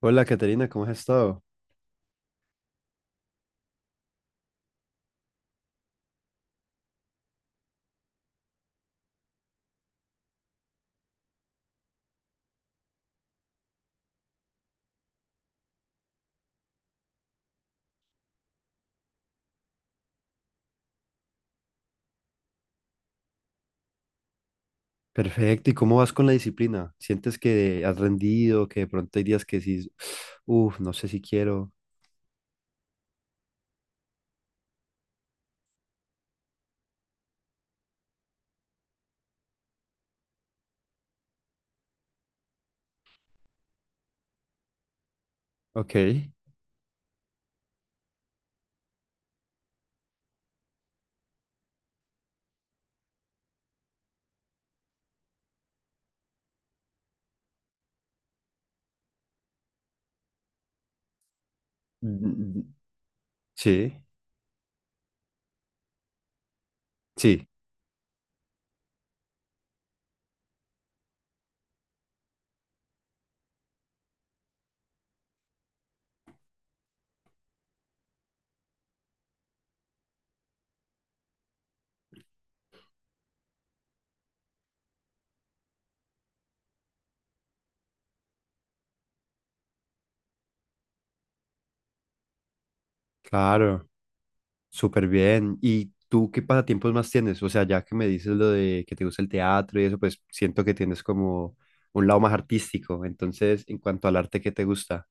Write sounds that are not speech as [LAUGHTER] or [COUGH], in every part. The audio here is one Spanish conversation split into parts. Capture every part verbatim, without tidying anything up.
Hola, Caterina, ¿cómo has estado? Perfecto, ¿y cómo vas con la disciplina? ¿Sientes que has rendido, que de pronto hay días que decís, uff, no sé si quiero? Ok. Mm, sí, sí, claro, súper bien. ¿Y tú qué pasatiempos más tienes? O sea, ya que me dices lo de que te gusta el teatro y eso, pues siento que tienes como un lado más artístico. Entonces, en cuanto al arte, ¿qué te gusta?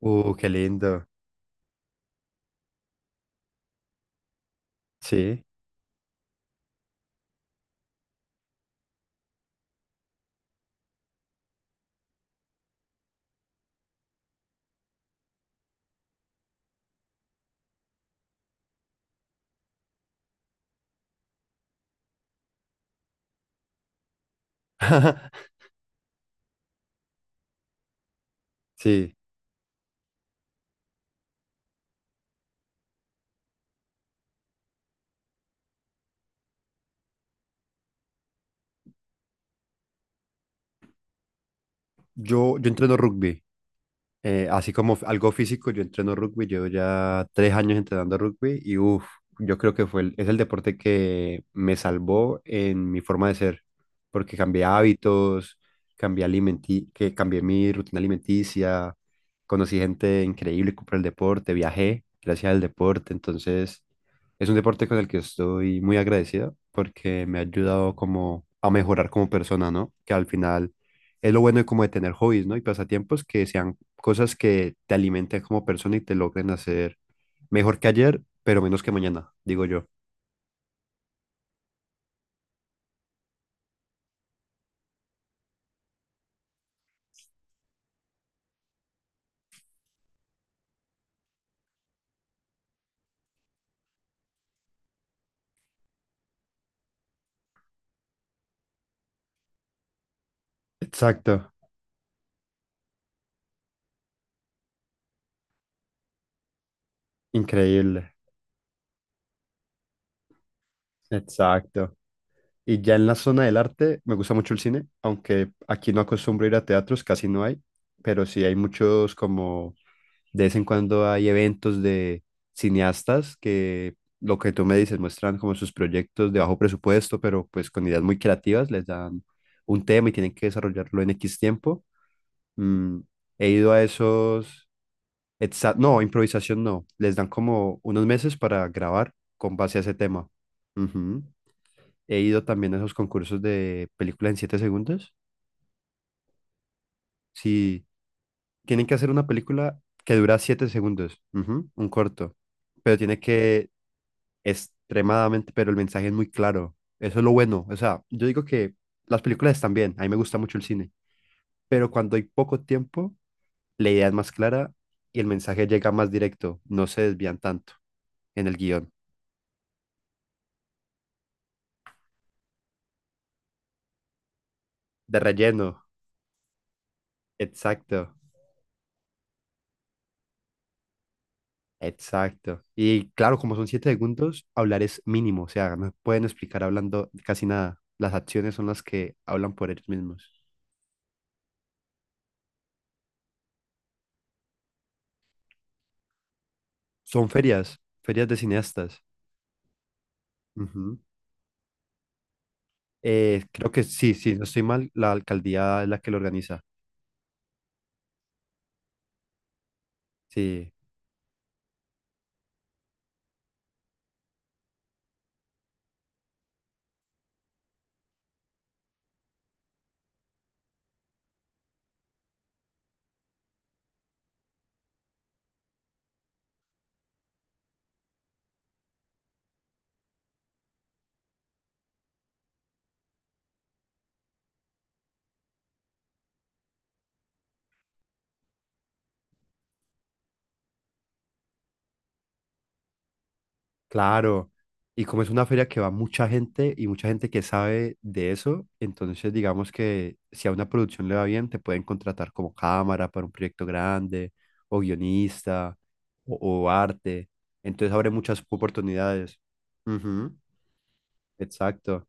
Uh, qué lindo. Sí. [LAUGHS] Sí. Yo, yo entreno rugby. Eh, así como f- algo físico, yo entreno rugby, llevo ya tres años entrenando rugby y uff, yo creo que fue el- es el deporte que me salvó en mi forma de ser, porque cambié hábitos, cambié alimenti que cambié mi rutina alimenticia, conocí gente increíble por el deporte, viajé gracias al deporte, entonces es un deporte con el que estoy muy agradecido porque me ha ayudado como a mejorar como persona, ¿no? Que al final es lo bueno de como de tener hobbies, ¿no? Y pasatiempos que sean cosas que te alimenten como persona y te logren hacer mejor que ayer, pero menos que mañana, digo yo. Exacto, increíble, exacto. Y ya en la zona del arte, me gusta mucho el cine, aunque aquí no acostumbro ir a teatros, casi no hay, pero sí hay muchos como de vez en cuando hay eventos de cineastas que lo que tú me dices muestran como sus proyectos de bajo presupuesto, pero pues con ideas muy creativas, les dan un tema y tienen que desarrollarlo en X tiempo. Mm, he ido a esos... exa- No, improvisación no. Les dan como unos meses para grabar con base a ese tema. Ujú. He ido también a esos concursos de película en siete segundos. Sí, tienen que hacer una película que dura siete segundos, ujú, un corto, pero tiene que extremadamente, pero el mensaje es muy claro. Eso es lo bueno. O sea, yo digo que las películas están bien, a mí me gusta mucho el cine, pero cuando hay poco tiempo la idea es más clara y el mensaje llega más directo, no se desvían tanto en el guión. De relleno, exacto, exacto. Y claro, como son siete segundos, hablar es mínimo, o sea, no pueden explicar hablando casi nada. Las acciones son las que hablan por ellos mismos. Son ferias, ferias de cineastas. Ujú. Eh, creo que sí, sí, no estoy mal, la alcaldía es la que lo organiza. Sí, claro, y como es una feria que va mucha gente y mucha gente que sabe de eso, entonces digamos que si a una producción le va bien, te pueden contratar como cámara para un proyecto grande, o guionista, o, o arte. Entonces abre muchas oportunidades. Ujú, exacto.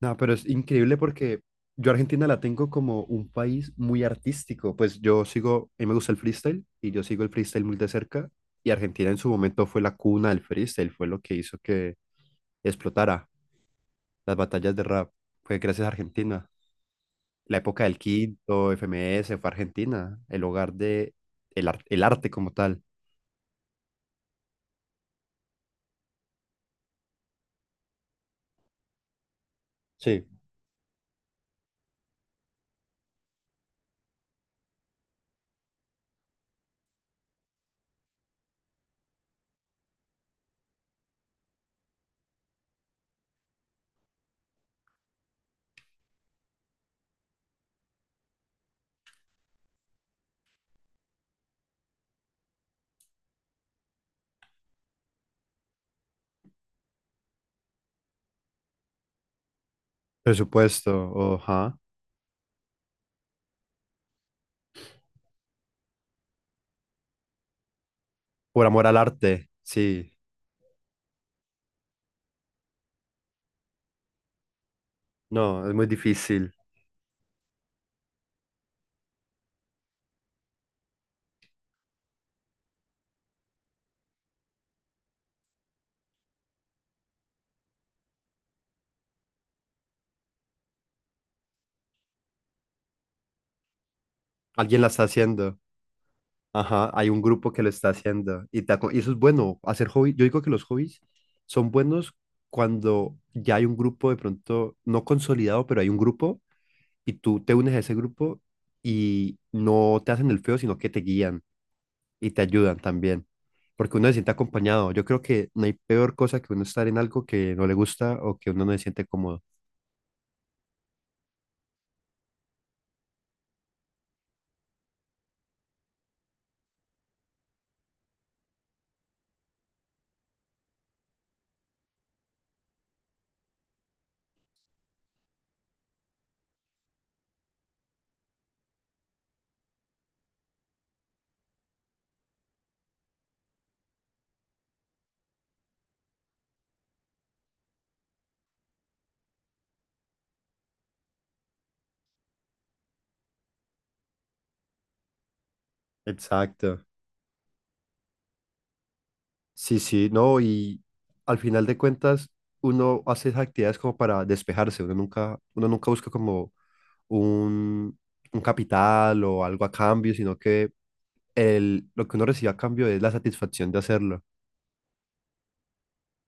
No, pero es increíble porque yo a Argentina la tengo como un país muy artístico. Pues yo sigo, a mí me gusta el freestyle y yo sigo el freestyle muy de cerca. Y Argentina en su momento fue la cuna del freestyle, fue lo que hizo que explotara las batallas de rap. Fue gracias a Argentina. La época del Quinto, F M S, fue Argentina, el hogar de el, ar- el arte como tal. Sí. Presupuesto, ajá. Por amor al arte, sí. No, es muy difícil. Alguien la está haciendo. Ajá, hay un grupo que lo está haciendo. Y, te aco- y eso es bueno, hacer hobby. Yo digo que los hobbies son buenos cuando ya hay un grupo de pronto, no consolidado, pero hay un grupo y tú te unes a ese grupo y no te hacen el feo, sino que te guían y te ayudan también, porque uno se siente acompañado. Yo creo que no hay peor cosa que uno estar en algo que no le gusta o que uno no se siente cómodo. Exacto. Sí, sí, no, y al final de cuentas uno hace esas actividades como para despejarse, uno nunca, uno nunca busca como un, un capital o algo a cambio, sino que el, lo que uno recibe a cambio es la satisfacción de hacerlo.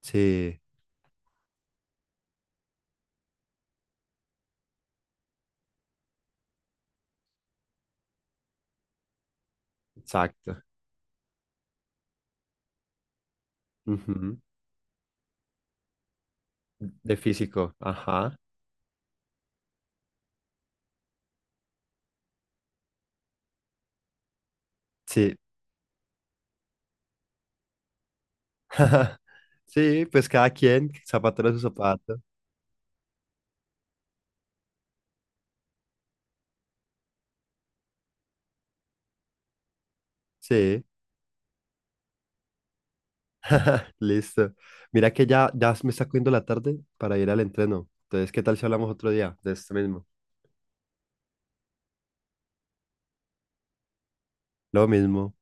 Sí, exacto. Ujú. De físico, ajá. Sí. [LAUGHS] Sí, pues cada quien, zapato a su zapato. Sí, [LAUGHS] listo. Mira que ya, ya me está cogiendo la tarde para ir al entreno. Entonces, ¿qué tal si hablamos otro día de esto mismo? Lo mismo.